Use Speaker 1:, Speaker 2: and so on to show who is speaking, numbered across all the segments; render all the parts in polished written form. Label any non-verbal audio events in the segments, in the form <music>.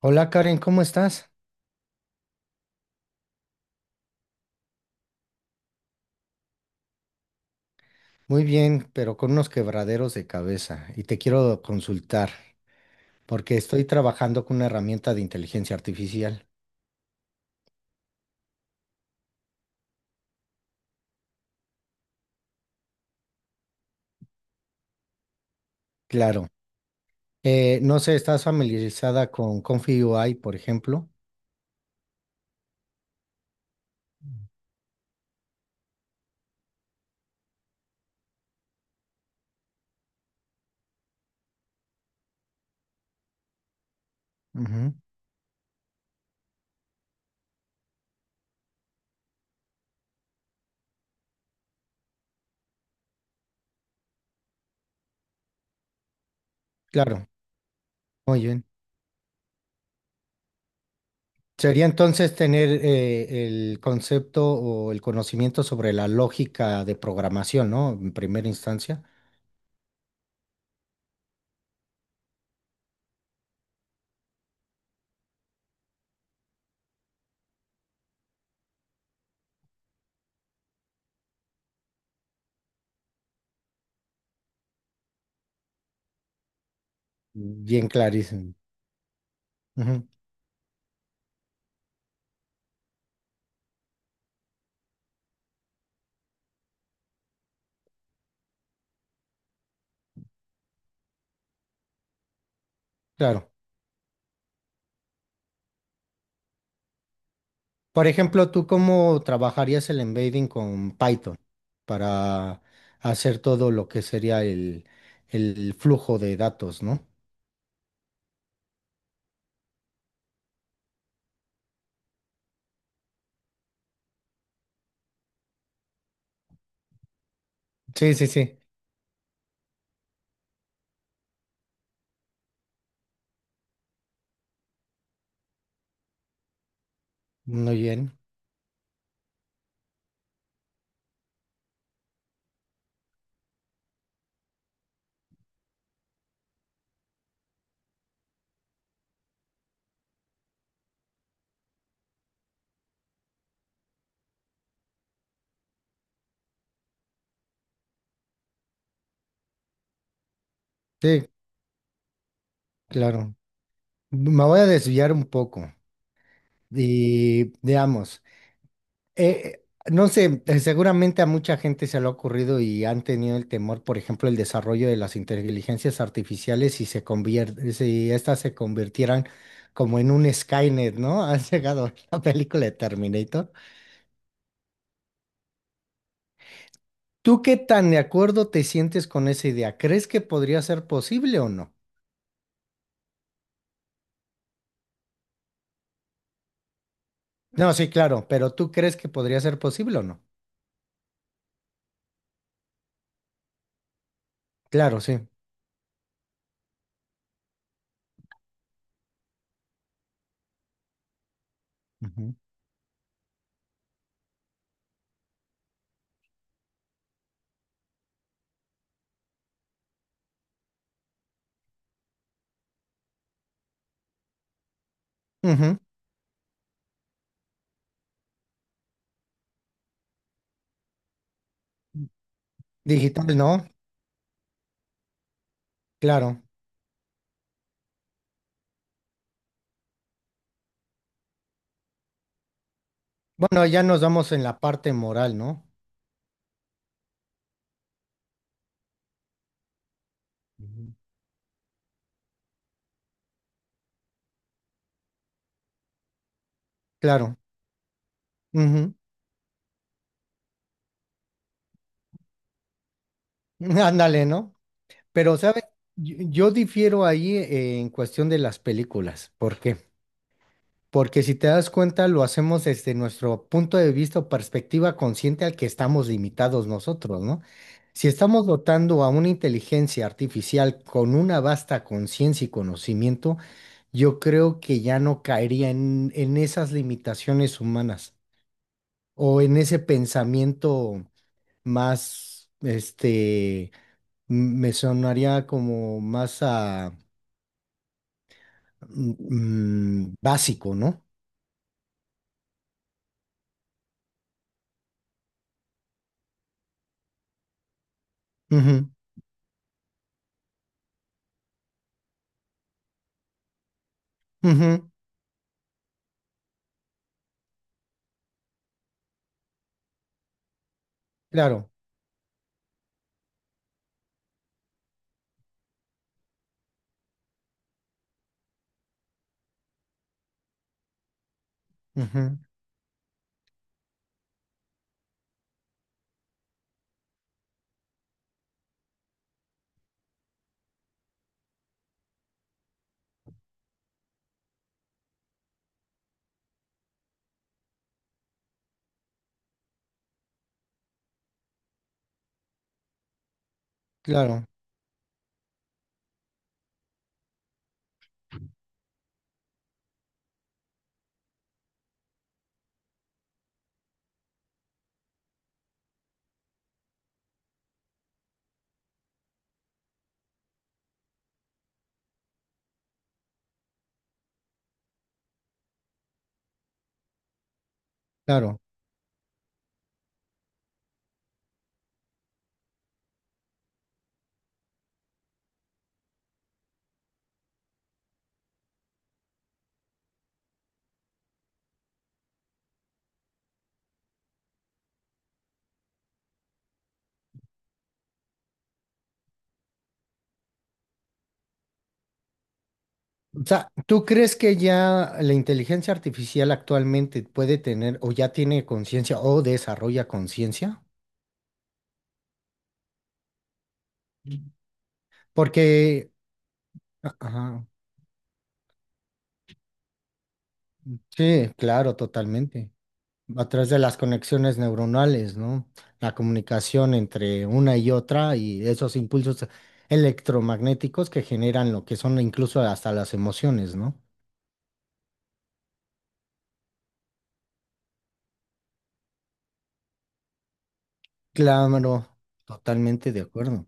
Speaker 1: Hola Karen, ¿cómo estás? Muy bien, pero con unos quebraderos de cabeza y te quiero consultar porque estoy trabajando con una herramienta de inteligencia artificial. Claro. No sé, ¿estás familiarizada con Confi UI, por ejemplo? Ujú. Claro, muy bien. Sería entonces tener el concepto o el conocimiento sobre la lógica de programación, ¿no? En primera instancia. Bien clarísimo. Ujú. Claro. Por ejemplo, ¿tú cómo trabajarías el embedding con Python para hacer todo lo que sería el flujo de datos, ¿no? Sí, sí, sí. Muy bien. Sí, claro. Me voy a desviar un poco. Y veamos. Eh, no sé, seguramente a mucha gente se le ha ocurrido y han tenido el temor, por ejemplo, el desarrollo de las inteligencias artificiales si estas se convirtieran como en un Skynet, ¿no? <laughs> Has llegado a la película de Terminator. ¿Tú qué tan de acuerdo te sientes con esa idea? ¿Crees que podría ser posible o no? No, sí, claro, pero ¿tú crees que podría ser posible o no? Claro, sí. Ujú. Ujú. Digital, ¿no? Claro. Bueno, ya nos vamos en la parte moral, ¿no? Ujú. Claro. Ujú. <laughs> Ándale, ¿no? Pero, ¿sabes? Yo difiero ahí en cuestión de las películas. ¿Por qué? Porque si te das cuenta, lo hacemos desde nuestro punto de vista o perspectiva consciente al que estamos limitados nosotros, ¿no? Si estamos dotando a una inteligencia artificial con una vasta conciencia y conocimiento, yo creo que ya no caería en esas limitaciones humanas o en ese pensamiento más, me sonaría como más a mm, básico, ¿no? Ujú, ujú, claro, ujú, claro, claro. O sea, ¿tú crees que ya la inteligencia artificial actualmente puede tener o ya tiene conciencia o desarrolla conciencia? Porque, ajá, sí, claro, totalmente. Atrás de las conexiones neuronales, ¿no? La comunicación entre una y otra y esos impulsos electromagnéticos que generan lo que son incluso hasta las emociones, ¿no? Claro, totalmente de acuerdo.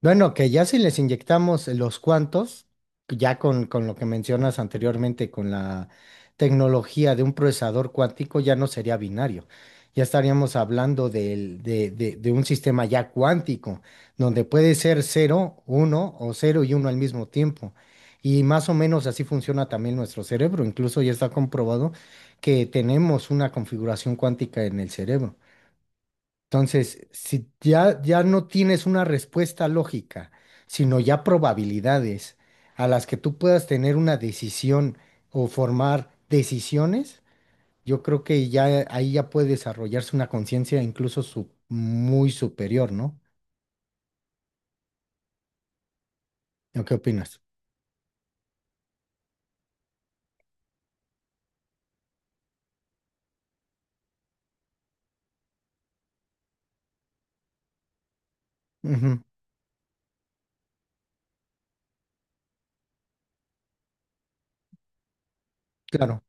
Speaker 1: Bueno, que ya si les inyectamos los cuantos, ya con lo que mencionas anteriormente, con la tecnología de un procesador cuántico, ya no sería binario. Ya estaríamos hablando de un sistema ya cuántico, donde puede ser cero, uno o cero y uno al mismo tiempo. Y más o menos así funciona también nuestro cerebro. Incluso ya está comprobado que tenemos una configuración cuántica en el cerebro. Entonces, ya no tienes una respuesta lógica, sino ya probabilidades a las que tú puedas tener una decisión o formar decisiones, yo creo que ya ahí puede desarrollarse una conciencia incluso muy superior, ¿no? ¿O ¿Qué opinas? Ujú, claro.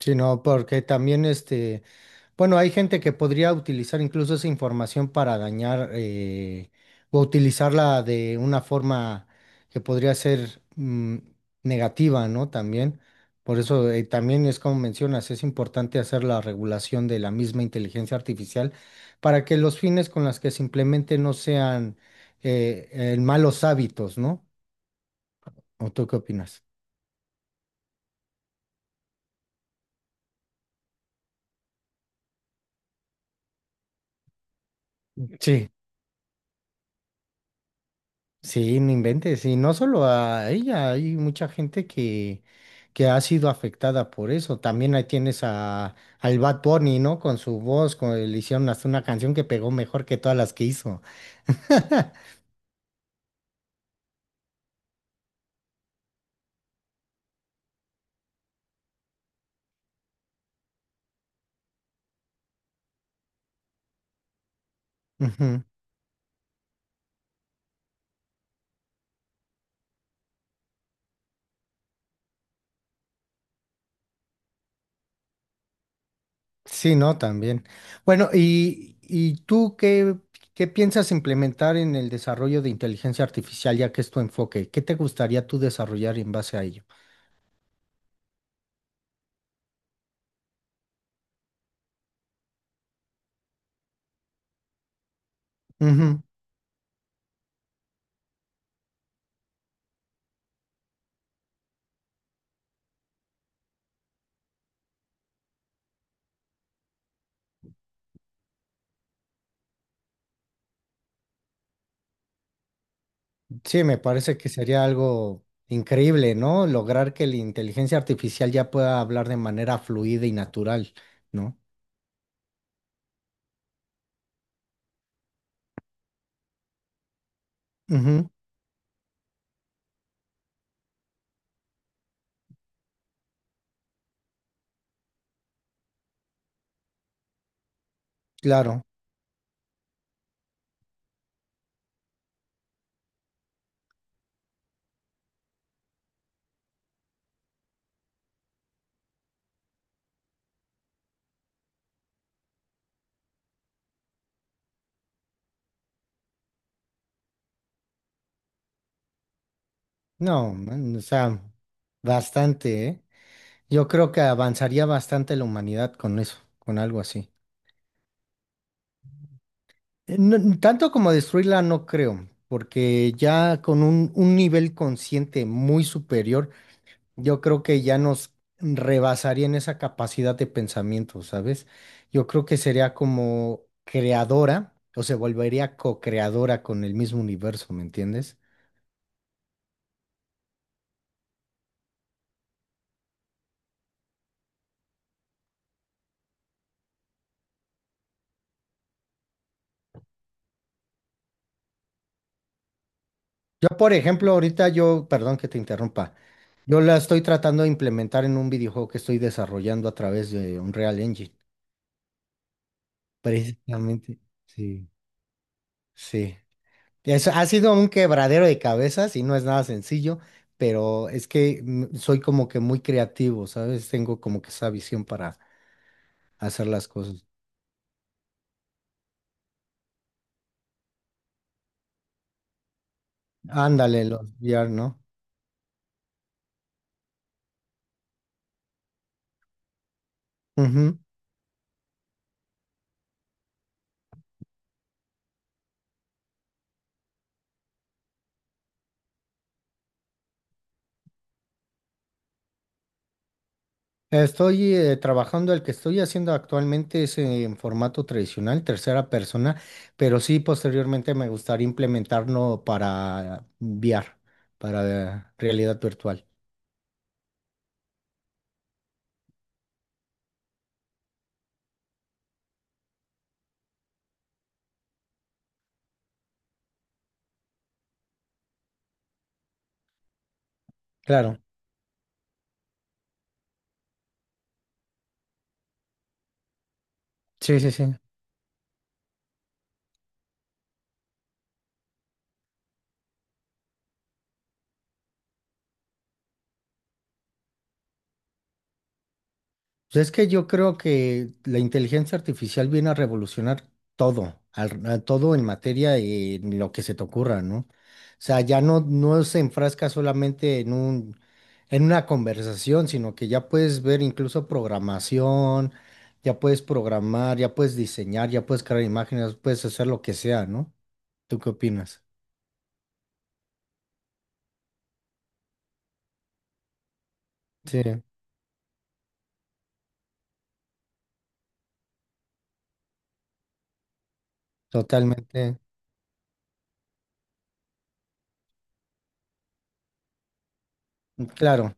Speaker 1: Sí, no, porque también bueno, hay gente que podría utilizar incluso esa información para dañar o utilizarla de una forma que podría ser negativa, ¿no? También. Por eso también es como mencionas, es importante hacer la regulación de la misma inteligencia artificial para que los fines con los que se implemente no sean en malos hábitos, ¿no? ¿O tú qué opinas? Sí. Sí, no inventes, y no solo a ella, hay mucha gente que ha sido afectada por eso. También ahí tienes al Bad Bunny, ¿no? Con su voz, con, le hicieron hasta una canción que pegó mejor que todas las que hizo. <laughs> Ujú. Sí, no, también. Bueno, ¿qué piensas implementar en el desarrollo de inteligencia artificial, ya que es tu enfoque? ¿Qué te gustaría tú desarrollar en base a ello? Sí, me parece que sería algo increíble, ¿no? Lograr que la inteligencia artificial ya pueda hablar de manera fluida y natural, ¿no? Ujú, claro. No, man, o sea, bastante, ¿eh? Yo creo que avanzaría bastante la humanidad con eso, con algo así. Tanto como destruirla, no creo, porque ya con un nivel consciente muy superior yo creo que ya nos rebasaría en esa capacidad de pensamiento, ¿sabes? Yo creo que sería como creadora o se volvería co-creadora con el mismo universo, ¿me entiendes? Yo, por ejemplo, perdón que te interrumpa, yo la estoy tratando de implementar en un videojuego que estoy desarrollando a través de Unreal Engine, precisamente. Sí. Sí. Eso ha sido un quebradero de cabezas y no es nada sencillo, pero es que soy como que muy creativo, ¿sabes? Tengo como que esa visión para hacer las cosas. Ándale, los VR, ¿no? Ujú. Estoy trabajando, el que estoy haciendo actualmente es en formato tradicional, tercera persona, pero sí posteriormente me gustaría implementarlo para VR, para realidad virtual. Claro, sí, sí, sí. Pues es que yo creo que la inteligencia artificial viene a revolucionar todo, a todo en materia y en lo que se te ocurra, ¿no? O sea, ya no, no se enfrasca solamente en en una conversación, sino que ya puedes ver incluso programación, ya puedes programar, ya puedes diseñar, ya puedes crear imágenes, puedes hacer lo que sea, ¿no? ¿Tú qué opinas? Sí, totalmente. Claro,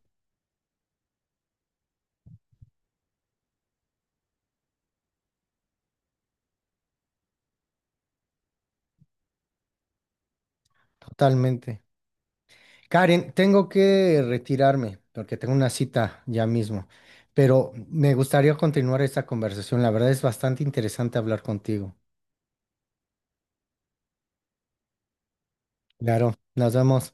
Speaker 1: totalmente. Karen, tengo que retirarme porque tengo una cita ya mismo, pero me gustaría continuar esta conversación. La verdad es bastante interesante hablar contigo. Claro, nos vemos.